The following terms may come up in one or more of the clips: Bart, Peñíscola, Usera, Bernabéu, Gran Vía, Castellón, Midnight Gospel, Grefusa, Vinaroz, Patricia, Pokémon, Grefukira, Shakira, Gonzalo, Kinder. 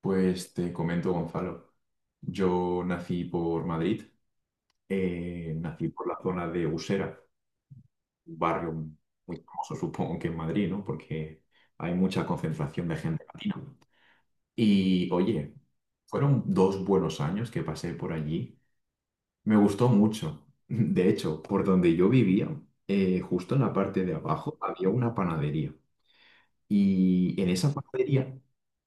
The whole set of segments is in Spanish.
Pues te comento, Gonzalo. Yo nací por Madrid, nací por la zona de Usera, un barrio muy famoso, supongo que en Madrid, ¿no? Porque hay mucha concentración de gente latina. Y oye, fueron 2 buenos años que pasé por allí. Me gustó mucho. De hecho, por donde yo vivía, justo en la parte de abajo había una panadería. Y en esa panadería,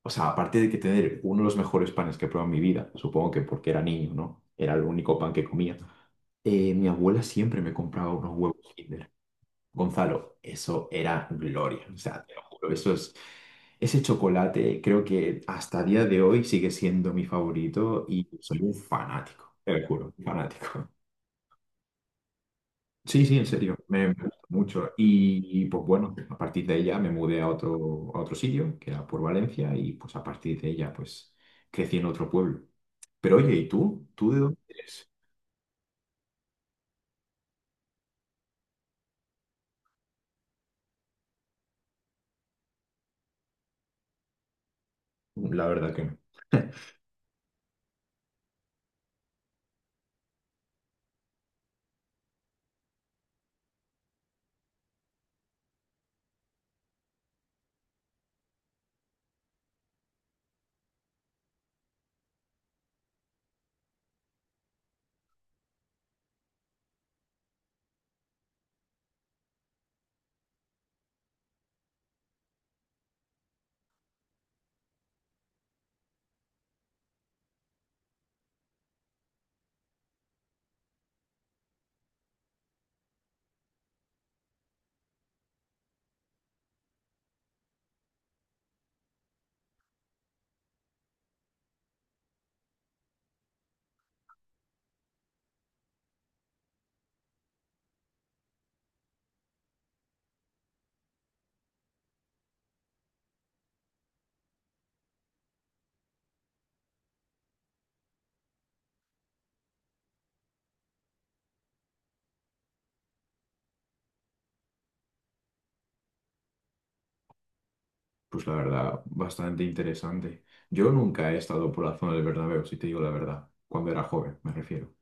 o sea, aparte de que tener uno de los mejores panes que he probado en mi vida, supongo que porque era niño, ¿no? Era el único pan que comía. Mi abuela siempre me compraba unos huevos Kinder. Gonzalo, eso era gloria. O sea, te lo juro, eso es. Ese chocolate creo que hasta día de hoy sigue siendo mi favorito y soy un fanático, te lo juro, un fanático. Sí, sí, en serio, me gustó mucho. Y, pues bueno, a partir de ella me mudé a otro, sitio, que era por Valencia, y pues a partir de ella pues crecí en otro pueblo. Pero oye, ¿y tú? ¿Tú de dónde eres? La verdad que no. Pues la verdad, bastante interesante. Yo nunca he estado por la zona del Bernabéu, si te digo la verdad, cuando era joven, me refiero.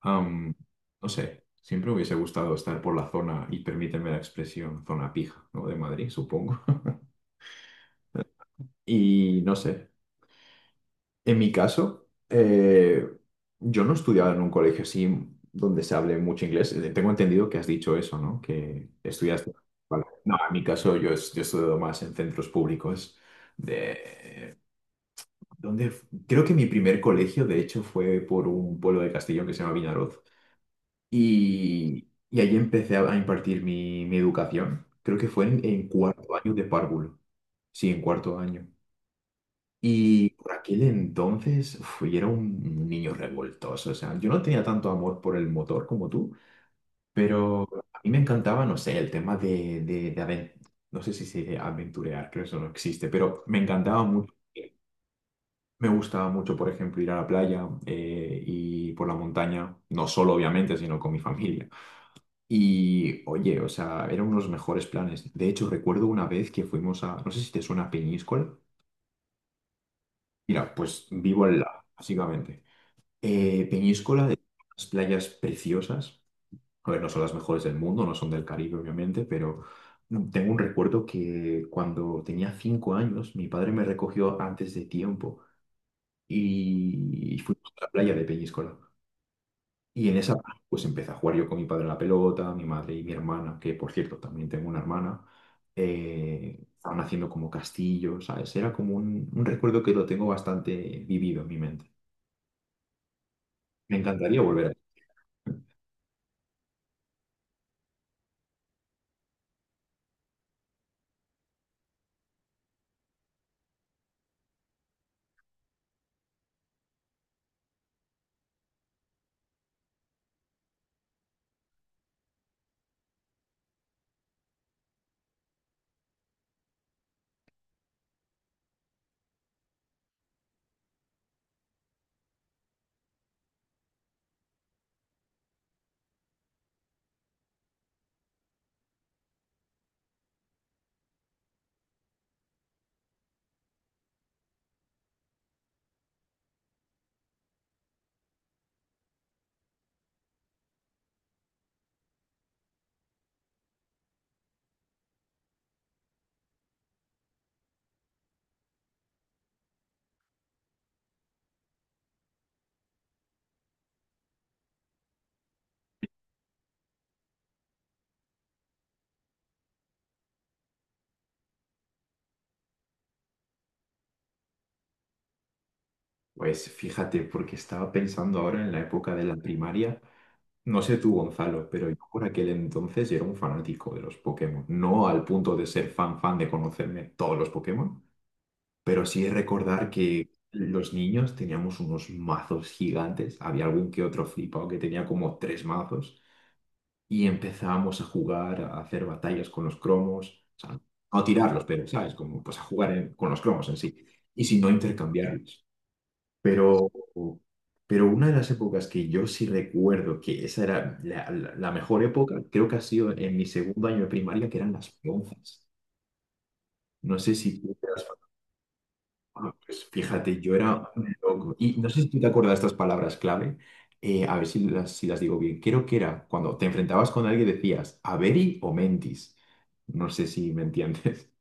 Am, no sé, siempre me hubiese gustado estar por la zona, y permíteme la expresión, zona pija, ¿no? De Madrid, supongo. Y no sé. En mi caso, yo no estudiaba en un colegio así donde se hable mucho inglés. Tengo entendido que has dicho eso, ¿no? Que estudiaste. Vale. No, en mi caso yo he estudiado más en centros públicos. De, donde, creo que mi primer colegio, de hecho, fue por un pueblo de Castellón que se llama Vinaroz. Y ahí empecé a impartir mi educación. Creo que fue en cuarto año de párvulo. Sí, en cuarto año. Y por aquel entonces, uf, yo era un niño revoltoso, o sea, yo no tenía tanto amor por el motor como tú, pero a mí me encantaba, no sé, el tema de no sé si se dice aventurear, creo que eso no existe, pero me encantaba mucho. Me gustaba mucho, por ejemplo, ir a la playa y por la montaña, no solo obviamente, sino con mi familia. Y oye, o sea, eran unos mejores planes. De hecho, recuerdo una vez que fuimos a, no sé si te suena Peñíscola. Mira, pues vivo al lado, básicamente. Peñíscola, de unas playas preciosas. A ver, no son las mejores del mundo, no son del Caribe, obviamente, pero tengo un recuerdo que cuando tenía 5 años, mi padre me recogió antes de tiempo y fuimos a la playa de Peñíscola. Y en esa, pues empecé a jugar yo con mi padre a la pelota, mi madre y mi hermana, que por cierto, también tengo una hermana. Estaban haciendo como castillos, ¿sabes? Era como un recuerdo que lo tengo bastante vivido en mi mente. Me encantaría volver a. Pues fíjate, porque estaba pensando ahora en la época de la primaria. No sé tú, Gonzalo, pero yo por aquel entonces era un fanático de los Pokémon. No al punto de ser fan fan de conocerme todos los Pokémon, pero sí recordar que los niños teníamos unos mazos gigantes. Había algún que otro flipado que tenía como tres mazos y empezábamos a jugar, a hacer batallas con los cromos. O sea, no a tirarlos, pero, ¿sabes? Como pues a jugar con los cromos en sí. Y si no, intercambiarlos. Pero, pero, una de las épocas que yo sí recuerdo que esa era la, la mejor época, creo que ha sido en mi segundo año de primaria, que eran las peonzas. No sé si tú te las. Bueno, pues fíjate, yo era un loco. Y no sé si tú te acuerdas de estas palabras clave. A ver si las digo bien. Creo que era cuando te enfrentabas con alguien decías, ¿Averi o mentis? No sé si me entiendes.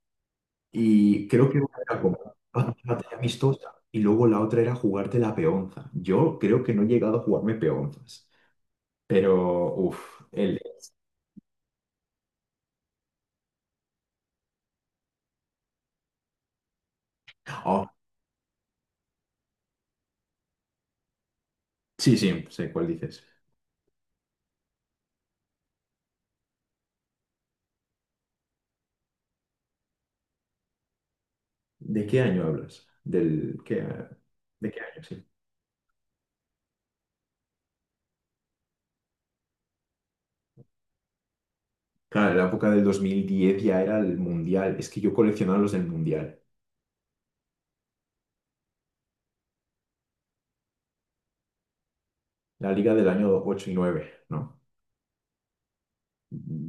Y creo que una era como una batalla amistosa y luego la otra era jugarte la peonza. Yo creo que no he llegado a jugarme peonzas, pero uff, el. Oh, sí, sí, sé cuál dices. ¿De qué año hablas? ¿Del qué? ¿De qué año? Sí. Claro, en la época del 2010 ya era el Mundial. Es que yo coleccionaba los del Mundial. La liga del año 8 y nueve, ¿no?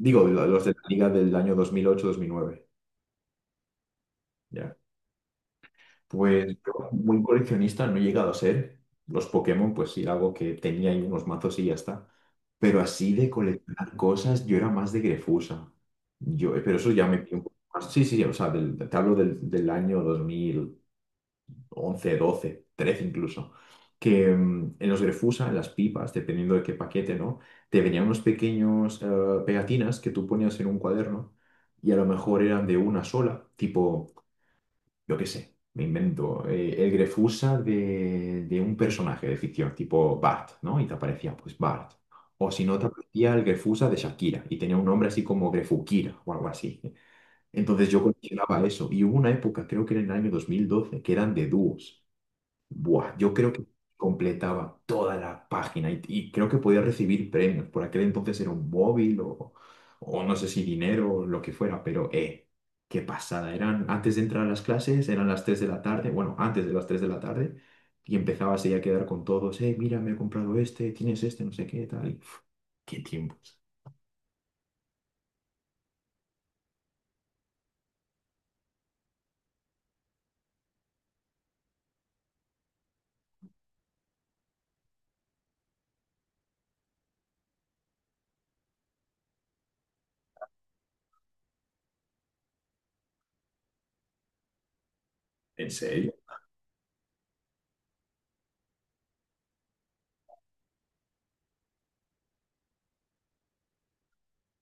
Digo, los de la liga del año 2008-2009. Pues yo muy coleccionista no he llegado a ser. Los Pokémon, pues sí, algo que tenía ahí unos mazos y ya está. Pero así de coleccionar cosas, yo era más de Grefusa. Pero eso ya me pilló un poco más. Sí, sí, o sea, te hablo del año 2011, 12, 13 incluso. Que en los Grefusa, en las pipas, dependiendo de qué paquete, ¿no? Te venían unos pequeños pegatinas que tú ponías en un cuaderno y a lo mejor eran de una sola, tipo yo qué sé, me invento, el Grefusa de un personaje de ficción, tipo Bart, ¿no? Y te aparecía, pues, Bart. O si no, te aparecía el Grefusa de Shakira y tenía un nombre así como Grefukira o algo así. Entonces yo coleccionaba eso. Y hubo una época, creo que era en el año 2012, que eran de dúos. Buah, yo creo que completaba toda la página y creo que podía recibir premios. Por aquel entonces era un móvil o no sé si dinero o lo que fuera, pero qué pasada. Eran antes de entrar a las clases, eran las 3 de la tarde, bueno, antes de las 3 de la tarde, y empezabas ahí a quedar con todos, mira, me he comprado este, tienes este, no sé qué, tal. Qué tiempos. ¿En serio?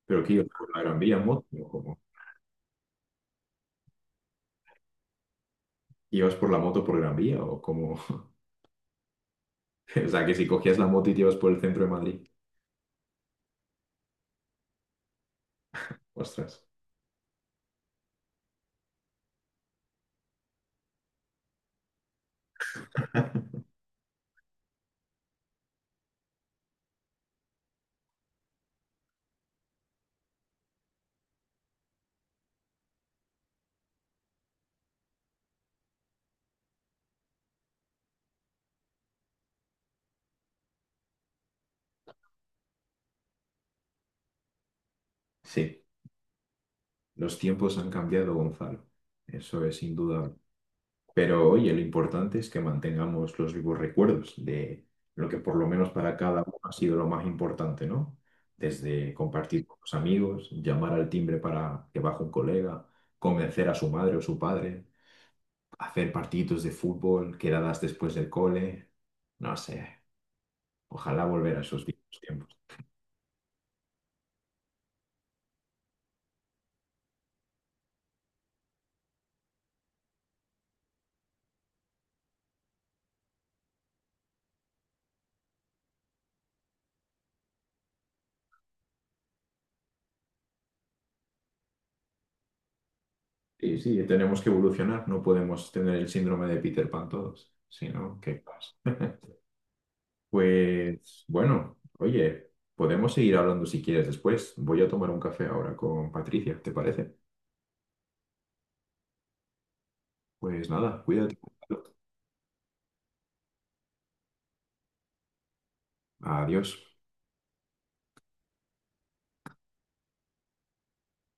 ¿Pero qué ibas por la Gran Vía en moto? ¿O cómo? ¿Ibas por la moto por Gran Vía o como O sea, que si cogías la moto y te ibas por el centro de Madrid. Ostras. Sí. Los tiempos han cambiado, Gonzalo. Eso es indudable. Pero oye, lo importante es que mantengamos los vivos recuerdos de lo que por lo menos para cada uno ha sido lo más importante, ¿no? Desde compartir con los amigos, llamar al timbre para que baje un colega, convencer a su madre o su padre, hacer partiditos de fútbol, quedadas después del cole. No sé, ojalá volver a esos viejos tiempos. Y sí, tenemos que evolucionar, no podemos tener el síndrome de Peter Pan todos, sino ¿qué pasa? Pues bueno, oye, podemos seguir hablando si quieres después. Voy a tomar un café ahora con Patricia, ¿te parece? Pues nada, cuídate. Adiós.